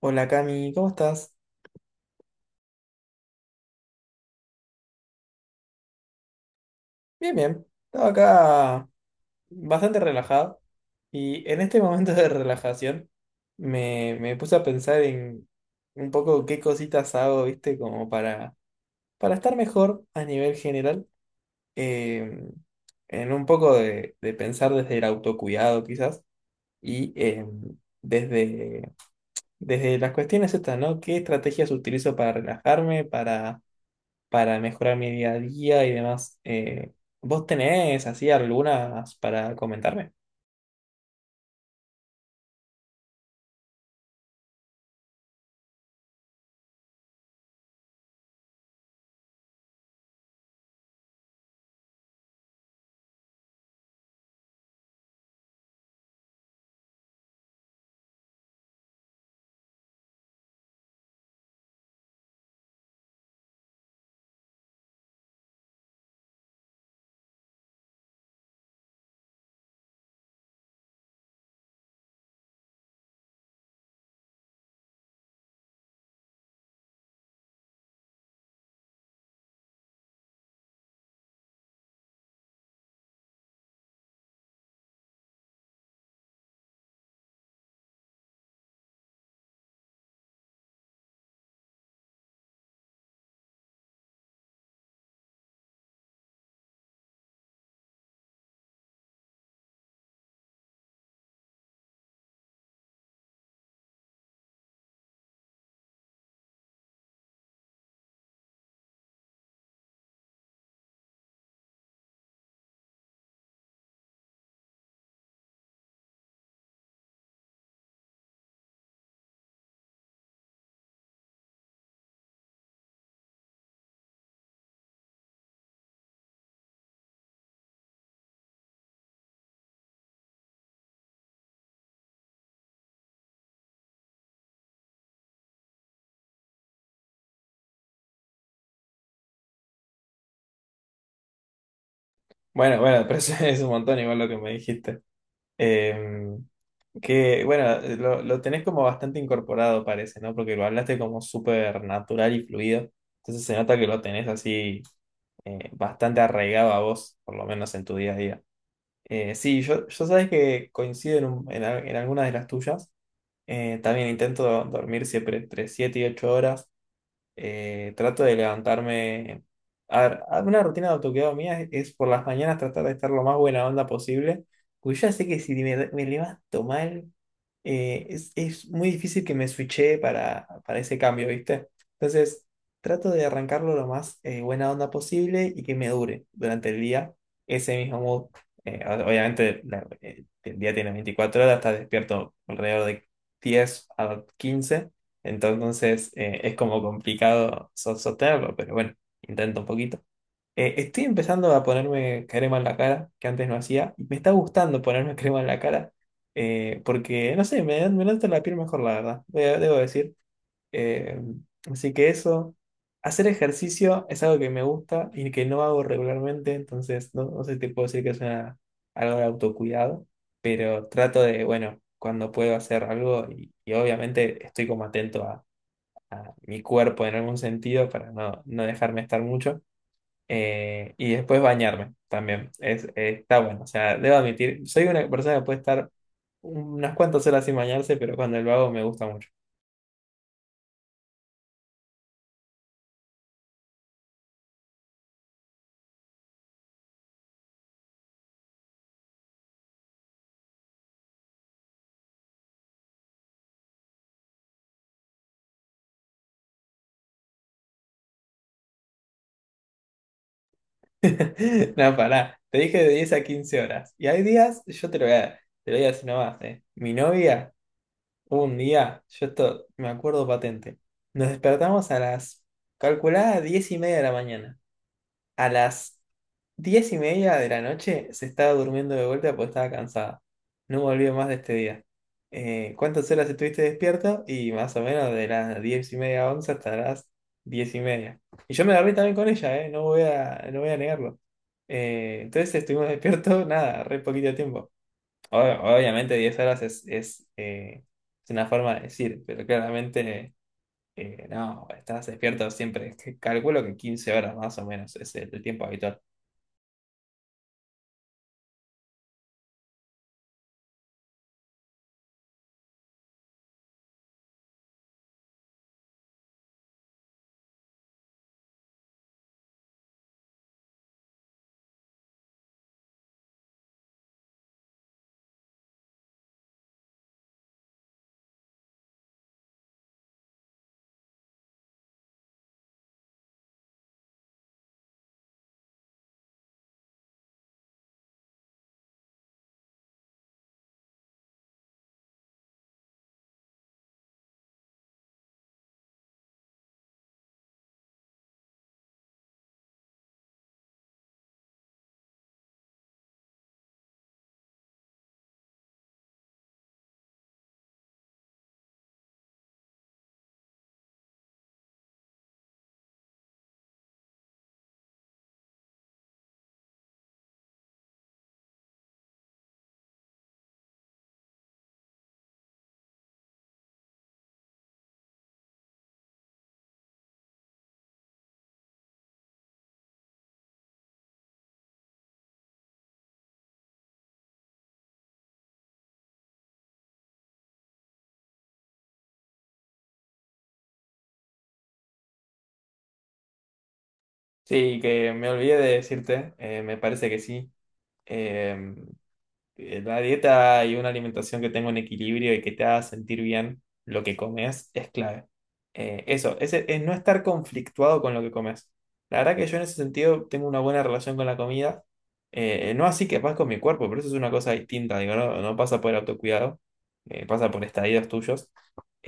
Hola Cami, ¿cómo estás? Bien, bien. Estaba acá bastante relajado y en este momento de relajación me puse a pensar en un poco qué cositas hago, ¿viste? Como para estar mejor a nivel general, eh, en un poco de pensar desde el autocuidado quizás y desde, desde las cuestiones estas, ¿no? ¿Qué estrategias utilizo para relajarme, para mejorar mi día a día y demás? ¿Vos tenés así algunas para comentarme? Bueno, bueno, pero eso es un montón igual lo que me dijiste. Eh, que bueno, lo tenés como bastante incorporado, parece, ¿no? Porque lo hablaste como súper natural y fluido. Entonces se nota que lo tenés así, bastante arraigado a vos, por lo menos en tu día a día. Sí, yo sabes que coincido en, un- en al- en algunas de las tuyas. También intento dormir siempre entre 7 y 8 horas. Trato de levantarme. A ver, una rutina de autocuidado mía es por las mañanas tratar de estar lo más buena onda posible. Porque yo ya sé que si me levanto mal, es muy difícil que me switche para ese cambio, ¿viste? Entonces, trato de arrancarlo lo más, buena onda posible, y que me dure durante el día ese mismo mood. Obviamente, el día tiene 24 horas, estás despierto alrededor de 10 a 15, entonces es como complicado sostenerlo, pero bueno, intento un poquito. Estoy empezando a ponerme crema en la cara, que antes no hacía, y me está gustando ponerme crema en la cara, porque, no sé, me nota la piel mejor, la verdad, debo decir. Eh, Así que eso, hacer ejercicio es algo que me gusta y que no hago regularmente, entonces no sé si te puedo decir que es algo de autocuidado, pero trato de, bueno, cuando puedo, hacer algo. Y y, obviamente estoy como atento a mi cuerpo en algún sentido para no dejarme estar mucho. Y después bañarme también. Está bueno. O sea, debo admitir, soy una persona que puede estar unas cuantas horas sin bañarse, pero cuando lo hago me gusta mucho. No, pará. Te dije de 10 a 15 horas. Y hay días, yo te lo voy a, te lo voy a decir nomás. Mi novia, hubo un día, yo esto me acuerdo patente. Nos despertamos a las, calculada, 10:30 de la mañana. A las diez y media de la noche se estaba durmiendo de vuelta porque estaba cansada. No volvió más de este día. ¿Cuántas horas estuviste despierto? Y más o menos de las 10:30 a 11:00 hasta las 10:30. Y yo me agarré también con ella, ¿eh? No voy a negarlo. Entonces estuvimos despiertos, nada, re poquito tiempo. Obviamente, 10 horas es una forma de decir, pero claramente, no, estás despierto siempre. Calculo que 15 horas más o menos es el tiempo habitual. Sí, que me olvidé de decirte, me parece que sí. Eh, Una dieta y una alimentación que tenga un equilibrio y que te haga sentir bien lo que comes es clave. Eso es no estar conflictuado con lo que comes. La verdad que yo en ese sentido tengo una buena relación con la comida. No así que pasa con mi cuerpo, pero eso es una cosa distinta. Digo, no pasa por el autocuidado, pasa por estadios tuyos.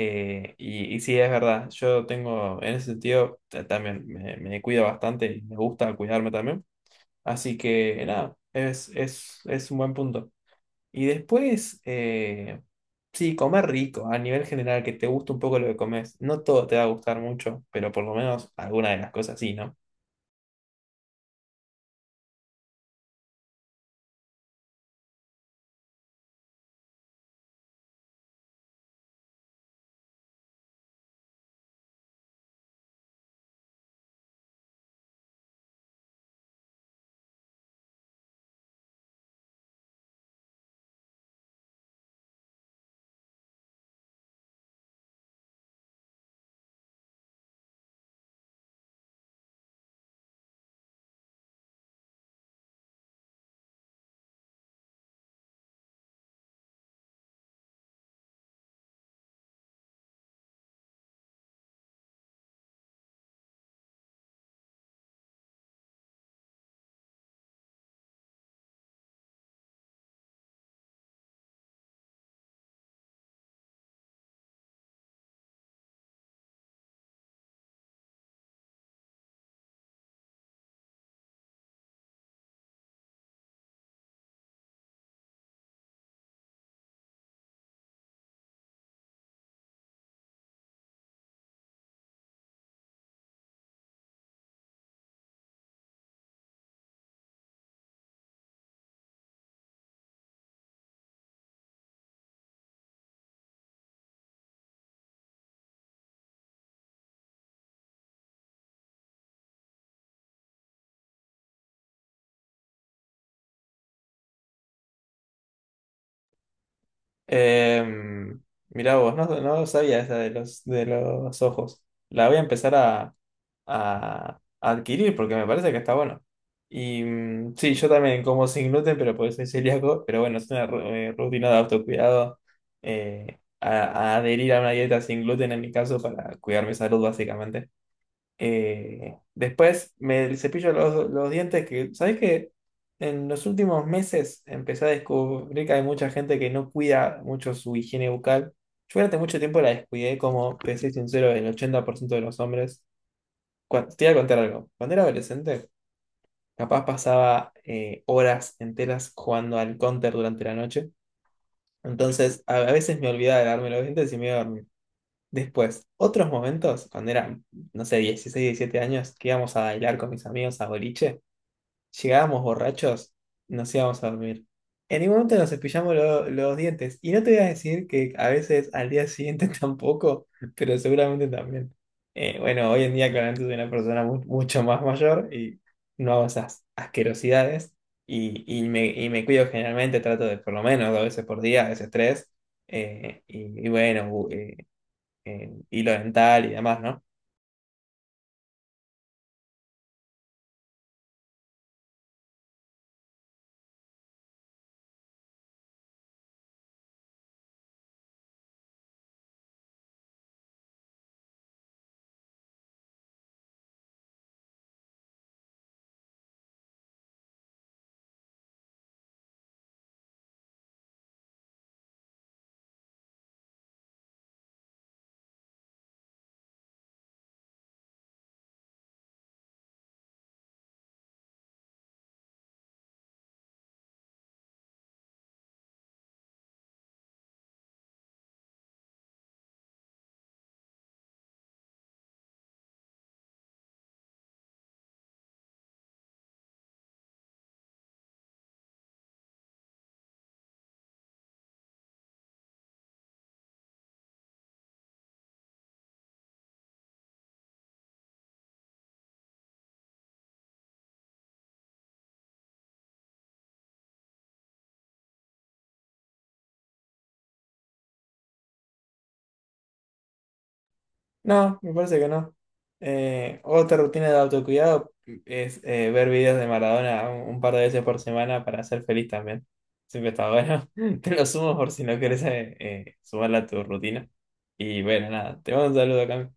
Y, sí, es verdad. Yo tengo, en ese sentido, también me cuido bastante y me gusta cuidarme también. Así que nada, es un buen punto. Y después, sí, comer rico, a nivel general, que te guste un poco lo que comes. No todo te va a gustar mucho, pero por lo menos alguna de las cosas sí, ¿no? Em, Mirá vos, no sabía esa de los, ojos. La voy a empezar a adquirir porque me parece que está bueno. Y sí, yo también como sin gluten, pero porque soy celíaco. Pero bueno, es una rutina de autocuidado. A, adherir a una dieta sin gluten en mi caso para cuidar mi salud básicamente. Después me cepillo los dientes que, ¿sabés qué? En los últimos meses empecé a descubrir que hay mucha gente que no cuida mucho su higiene bucal. Yo durante mucho tiempo la descuidé, como te soy sincero, el 80% de los hombres. Te voy a contar algo. Cuando era adolescente, capaz pasaba, horas enteras jugando al counter durante la noche. Entonces, a veces me olvidaba de lavarme los dientes y me iba a dormir. Después, otros momentos, cuando eran, no sé, 16 17 años, que íbamos a bailar con mis amigos a boliche, llegábamos borrachos, nos íbamos a dormir. En ningún momento nos cepillamos los dientes. Y no te voy a decir que a veces al día siguiente tampoco, pero seguramente también. Bueno, hoy en día claramente soy una persona mucho más mayor y no hago esas asquerosidades. Y me cuido generalmente, trato de por lo menos 2 veces por día, a veces tres. Y bueno, en hilo dental y demás, ¿no? No, me parece que no. Otra rutina de autocuidado es, ver videos de Maradona un par de veces por semana para ser feliz también. Siempre está bueno. Te lo sumo por si no quieres sumarla a tu rutina. Y bueno, nada, te mando un saludo, Cami.